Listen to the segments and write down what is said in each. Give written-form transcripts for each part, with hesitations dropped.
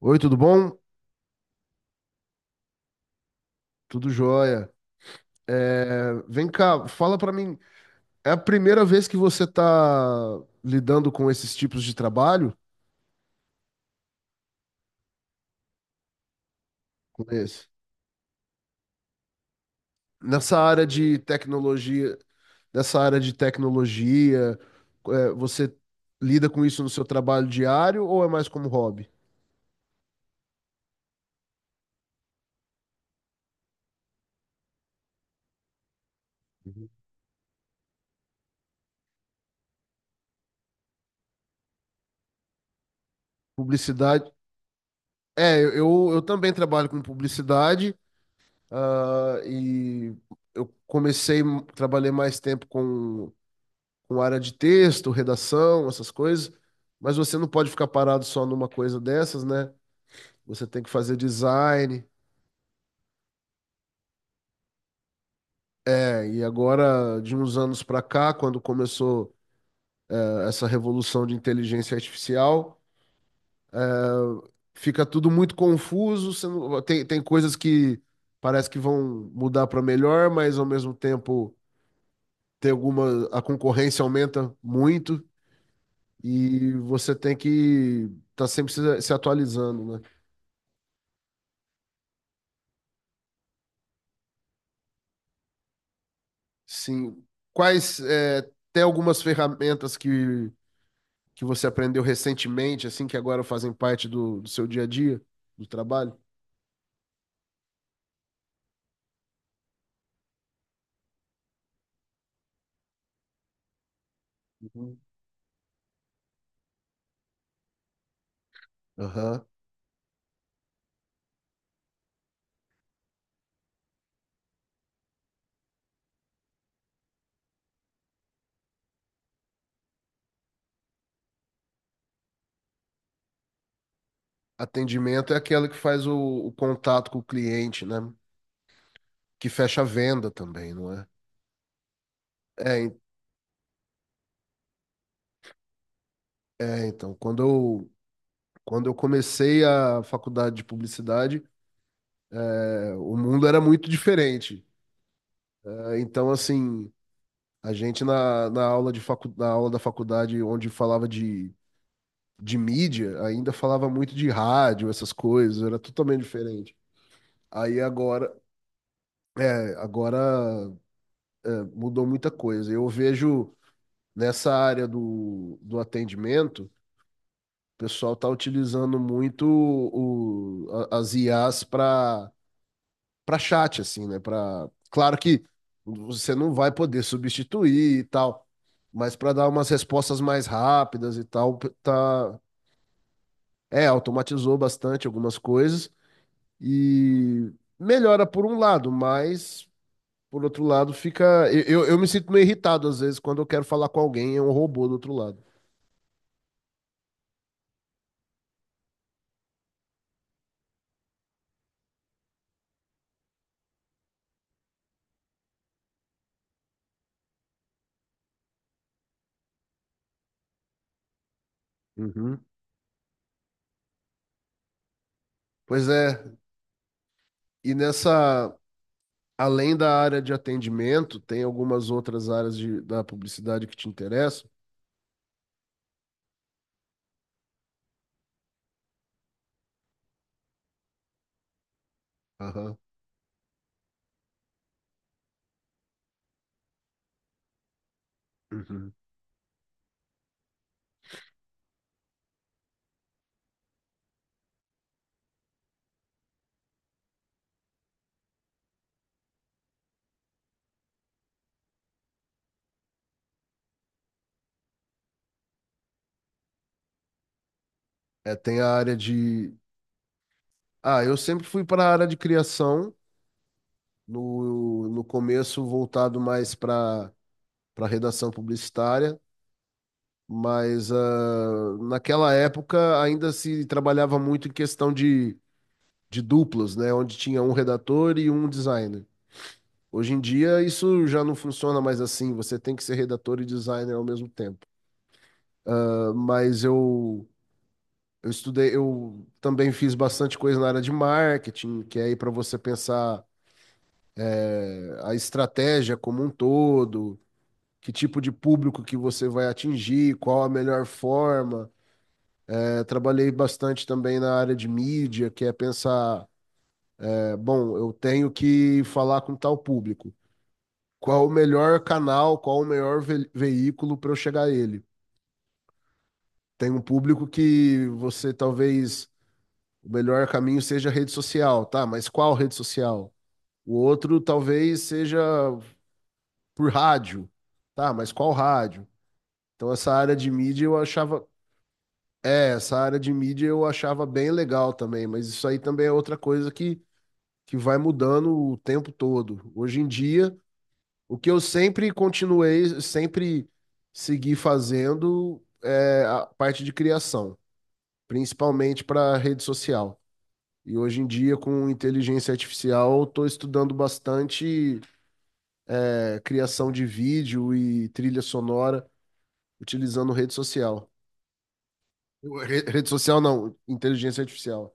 Oi, tudo bom? Tudo jóia. É, vem cá, fala pra mim, é a primeira vez que você tá lidando com esses tipos de trabalho? Com esse? Nessa área de tecnologia, nessa área de tecnologia, é, você lida com isso no seu trabalho diário ou é mais como hobby? Uhum. Publicidade. É, eu também trabalho com publicidade, ah, e eu comecei, trabalhei mais tempo com área de texto, redação, essas coisas, mas você não pode ficar parado só numa coisa dessas, né? Você tem que fazer design. É, e agora, de uns anos para cá, quando começou essa revolução de inteligência artificial, fica tudo muito confuso. Você não- tem, tem coisas que parece que vão mudar para melhor, mas ao mesmo tempo a concorrência aumenta muito e você tem que estar sempre se atualizando, né? Sim. É, tem algumas ferramentas que você aprendeu recentemente, assim, que agora fazem parte do seu dia a dia, do trabalho? Uhum. Aham. Atendimento é aquela que faz o contato com o cliente, né? Que fecha a venda também, não é? É, então, quando eu comecei a faculdade de publicidade, é, o mundo era muito diferente. É, então, assim, a gente na aula da faculdade, onde falava de mídia ainda falava muito de rádio, essas coisas, era totalmente diferente. Aí agora, é, agora mudou muita coisa. Eu vejo nessa área do atendimento, o pessoal está utilizando muito as IAs para chat, assim, né? Para, claro que você não vai poder substituir e tal, mas para dar umas respostas mais rápidas e tal, tá, é, automatizou bastante algumas coisas. E melhora por um lado, mas por outro lado fica. Eu me sinto meio irritado às vezes quando eu quero falar com alguém e é um robô do outro lado. Uhum. Pois é, e nessa. Além da área de atendimento, tem algumas outras áreas da publicidade que te interessam? Aham. Uhum. É, tem a área de. Ah, eu sempre fui para a área de criação, no começo voltado mais para redação publicitária. Mas ah, naquela época ainda se trabalhava muito em questão de duplos, né? Onde tinha um redator e um designer. Hoje em dia isso já não funciona mais assim, você tem que ser redator e designer ao mesmo tempo. Ah, mas eu estudei, eu também fiz bastante coisa na área de marketing, que é aí para você pensar a estratégia como um todo, que tipo de público que você vai atingir, qual a melhor forma. Eu trabalhei bastante também na área de mídia, que é pensar, é, bom, eu tenho que falar com tal público. Qual o melhor canal, qual o melhor veículo para eu chegar a ele? Tem um público que você talvez o melhor caminho seja rede social, tá? Mas qual rede social? O outro talvez seja por rádio, tá? Mas qual rádio? Então essa área de mídia eu achava bem legal também, mas isso aí também é outra coisa que vai mudando o tempo todo. Hoje em dia, o que eu sempre segui fazendo é a parte de criação, principalmente para rede social. E hoje em dia, com inteligência artificial, estou estudando bastante é, criação de vídeo e trilha sonora utilizando rede social. Rede social não, inteligência artificial.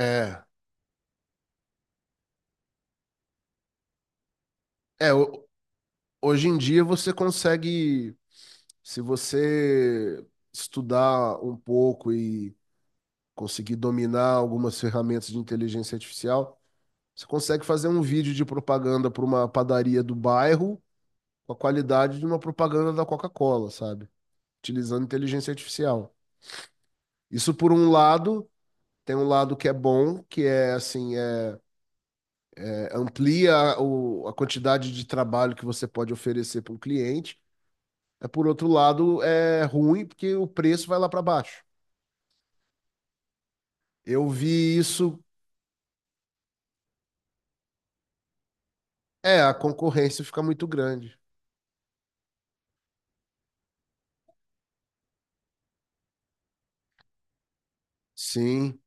É, é, o hoje em dia você consegue, se você estudar um pouco e conseguir dominar algumas ferramentas de inteligência artificial, você consegue fazer um vídeo de propaganda para uma padaria do bairro com a qualidade de uma propaganda da Coca-Cola, sabe? Utilizando inteligência artificial. Isso por um lado, tem um lado que é bom, que é assim, é, amplia a quantidade de trabalho que você pode oferecer para um cliente. É, por outro lado, é ruim porque o preço vai lá para baixo. Eu vi isso. É, a concorrência fica muito grande. Sim.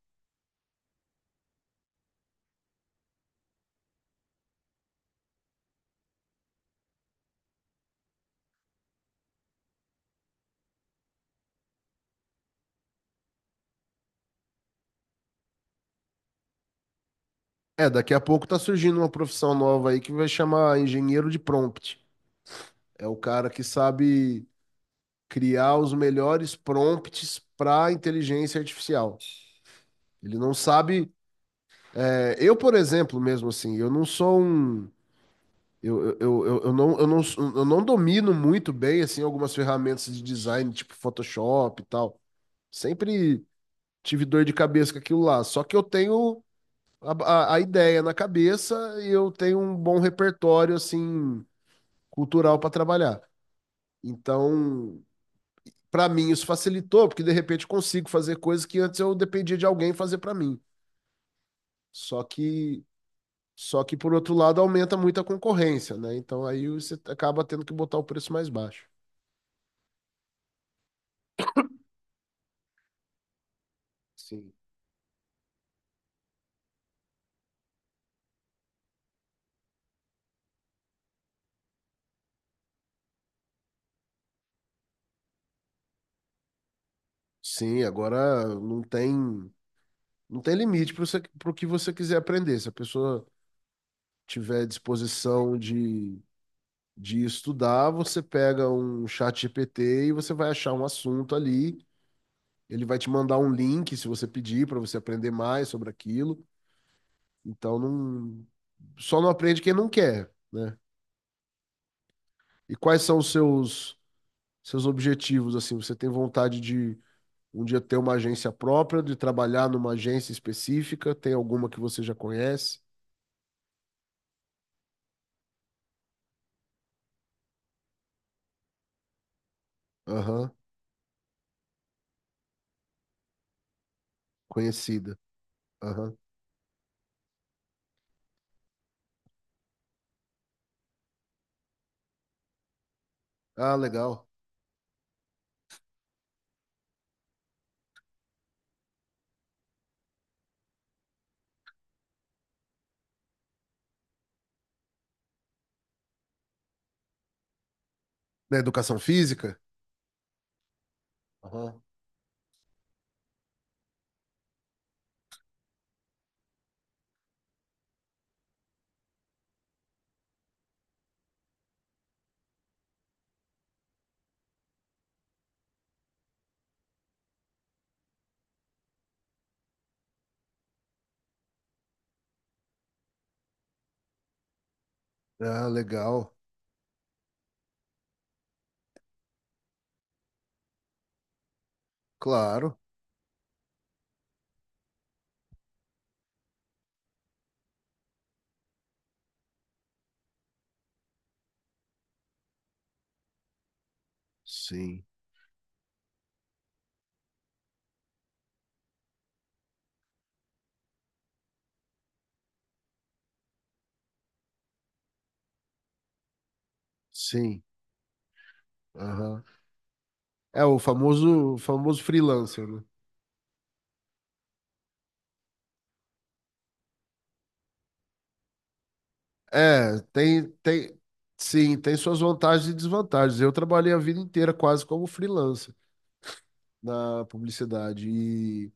É, daqui a pouco tá surgindo uma profissão nova aí que vai chamar engenheiro de prompt. É o cara que sabe criar os melhores prompts para inteligência artificial. Ele não sabe. É, eu, por exemplo, mesmo assim, eu não sou um. Eu, eu, eu, eu- eu não, eu, não, eu não domino muito bem assim algumas ferramentas de design, tipo Photoshop e tal. Sempre tive dor de cabeça com aquilo lá. Só que eu tenho a, a ideia na cabeça e eu tenho um bom repertório, assim, cultural para trabalhar. Então, para mim, isso facilitou, porque de repente eu consigo fazer coisas que antes eu dependia de alguém fazer para mim. Só que. Só que, por outro lado, aumenta muito a concorrência, né? Então aí você acaba tendo que botar o preço mais baixo. Sim. Sim, agora não tem limite para o que você quiser aprender. Se a pessoa tiver disposição de estudar, você pega um chat GPT e você vai achar um assunto ali. Ele vai te mandar um link se você pedir para você aprender mais sobre aquilo. Então não, só não aprende quem não quer, né? E quais são os seus objetivos assim? Você tem vontade de um dia ter uma agência própria, de trabalhar numa agência específica? Tem alguma que você já conhece? Aham, conhecida. Aham. Ah, legal. Na educação física? Aham. Ah, legal. Claro. Sim. Sim, aham. É o famoso freelancer, né? É, sim, tem suas vantagens e desvantagens. Eu trabalhei a vida inteira quase como freelancer na publicidade e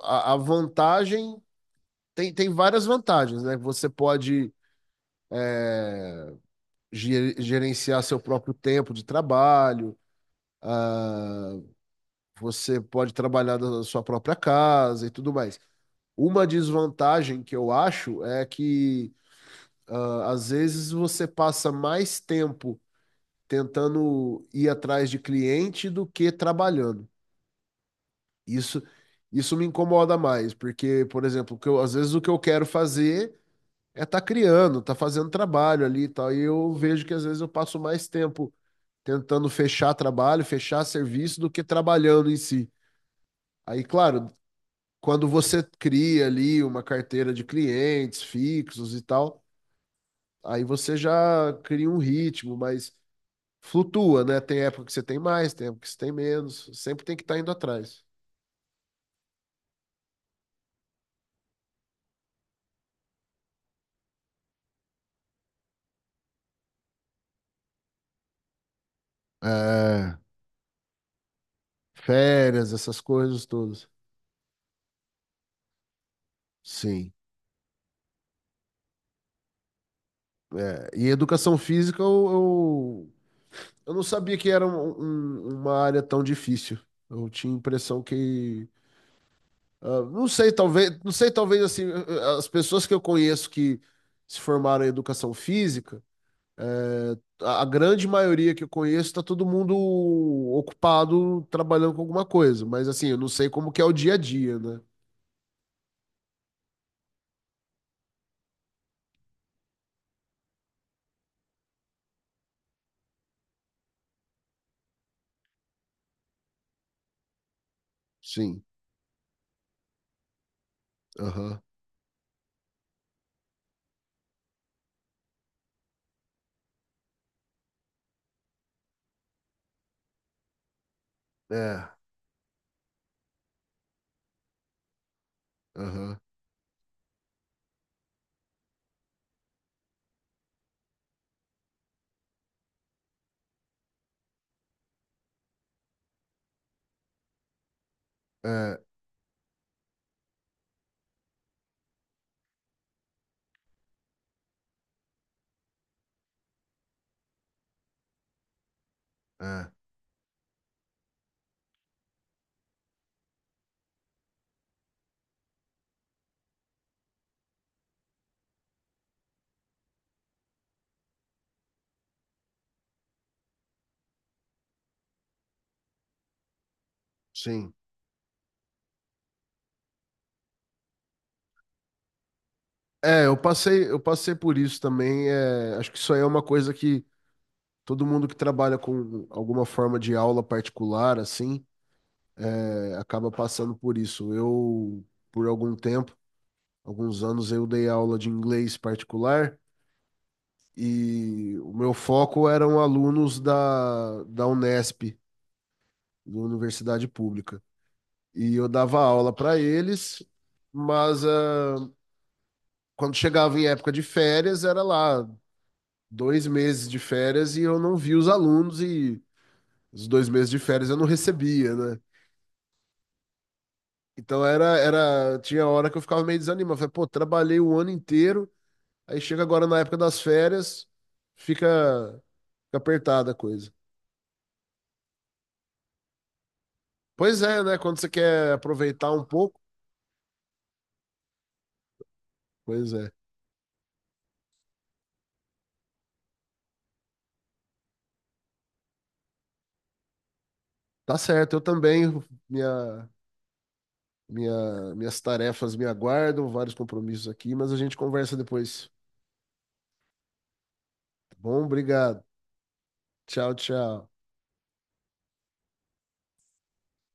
a vantagem tem várias vantagens, né? Você pode gerenciar seu próprio tempo de trabalho, ah, você pode trabalhar da sua própria casa e tudo mais. Uma desvantagem que eu acho é que ah, às vezes você passa mais tempo tentando ir atrás de cliente do que trabalhando. Isso, isso me incomoda mais, porque, por exemplo, às vezes o que eu quero fazer é estar criando, tá fazendo trabalho ali e tal, e eu vejo que às vezes eu passo mais tempo tentando fechar trabalho, fechar serviço do que trabalhando em si. Aí, claro, quando você cria ali uma carteira de clientes fixos e tal, aí você já cria um ritmo, mas flutua, né? Tem época que você tem mais, tem época que você tem menos. Sempre tem que estar indo atrás. É, férias, essas coisas todas. Sim. É, e educação física, eu não sabia que era uma área tão difícil. Eu tinha a impressão que. Ah, não sei, talvez assim, as pessoas que eu conheço que se formaram em educação física. É, a grande maioria que eu conheço está todo mundo ocupado trabalhando com alguma coisa, mas assim, eu não sei como que é o dia a dia, né? Sim. Aham. É. Aham. É. É. Sim. É, eu passei por isso também. É, acho que isso aí é uma coisa que todo mundo que trabalha com alguma forma de aula particular, assim, é, acaba passando por isso. Eu, por algum tempo, alguns anos, eu dei aula de inglês particular. E o meu foco eram alunos da Unesp, da Universidade Pública. E eu dava aula para eles, mas quando chegava em época de férias, era lá 2 meses de férias e eu não via os alunos e os 2 meses de férias eu não recebia, né? Então tinha hora que eu ficava meio desanimado. Falei, pô, trabalhei o ano inteiro, aí chega agora na época das férias, fica, fica apertada a coisa. Pois é, né? Quando você quer aproveitar um pouco, pois é. Tá certo, eu também, minha, minhas tarefas me aguardam, vários compromissos aqui, mas a gente conversa depois. Tá bom? Obrigado. Tchau, tchau.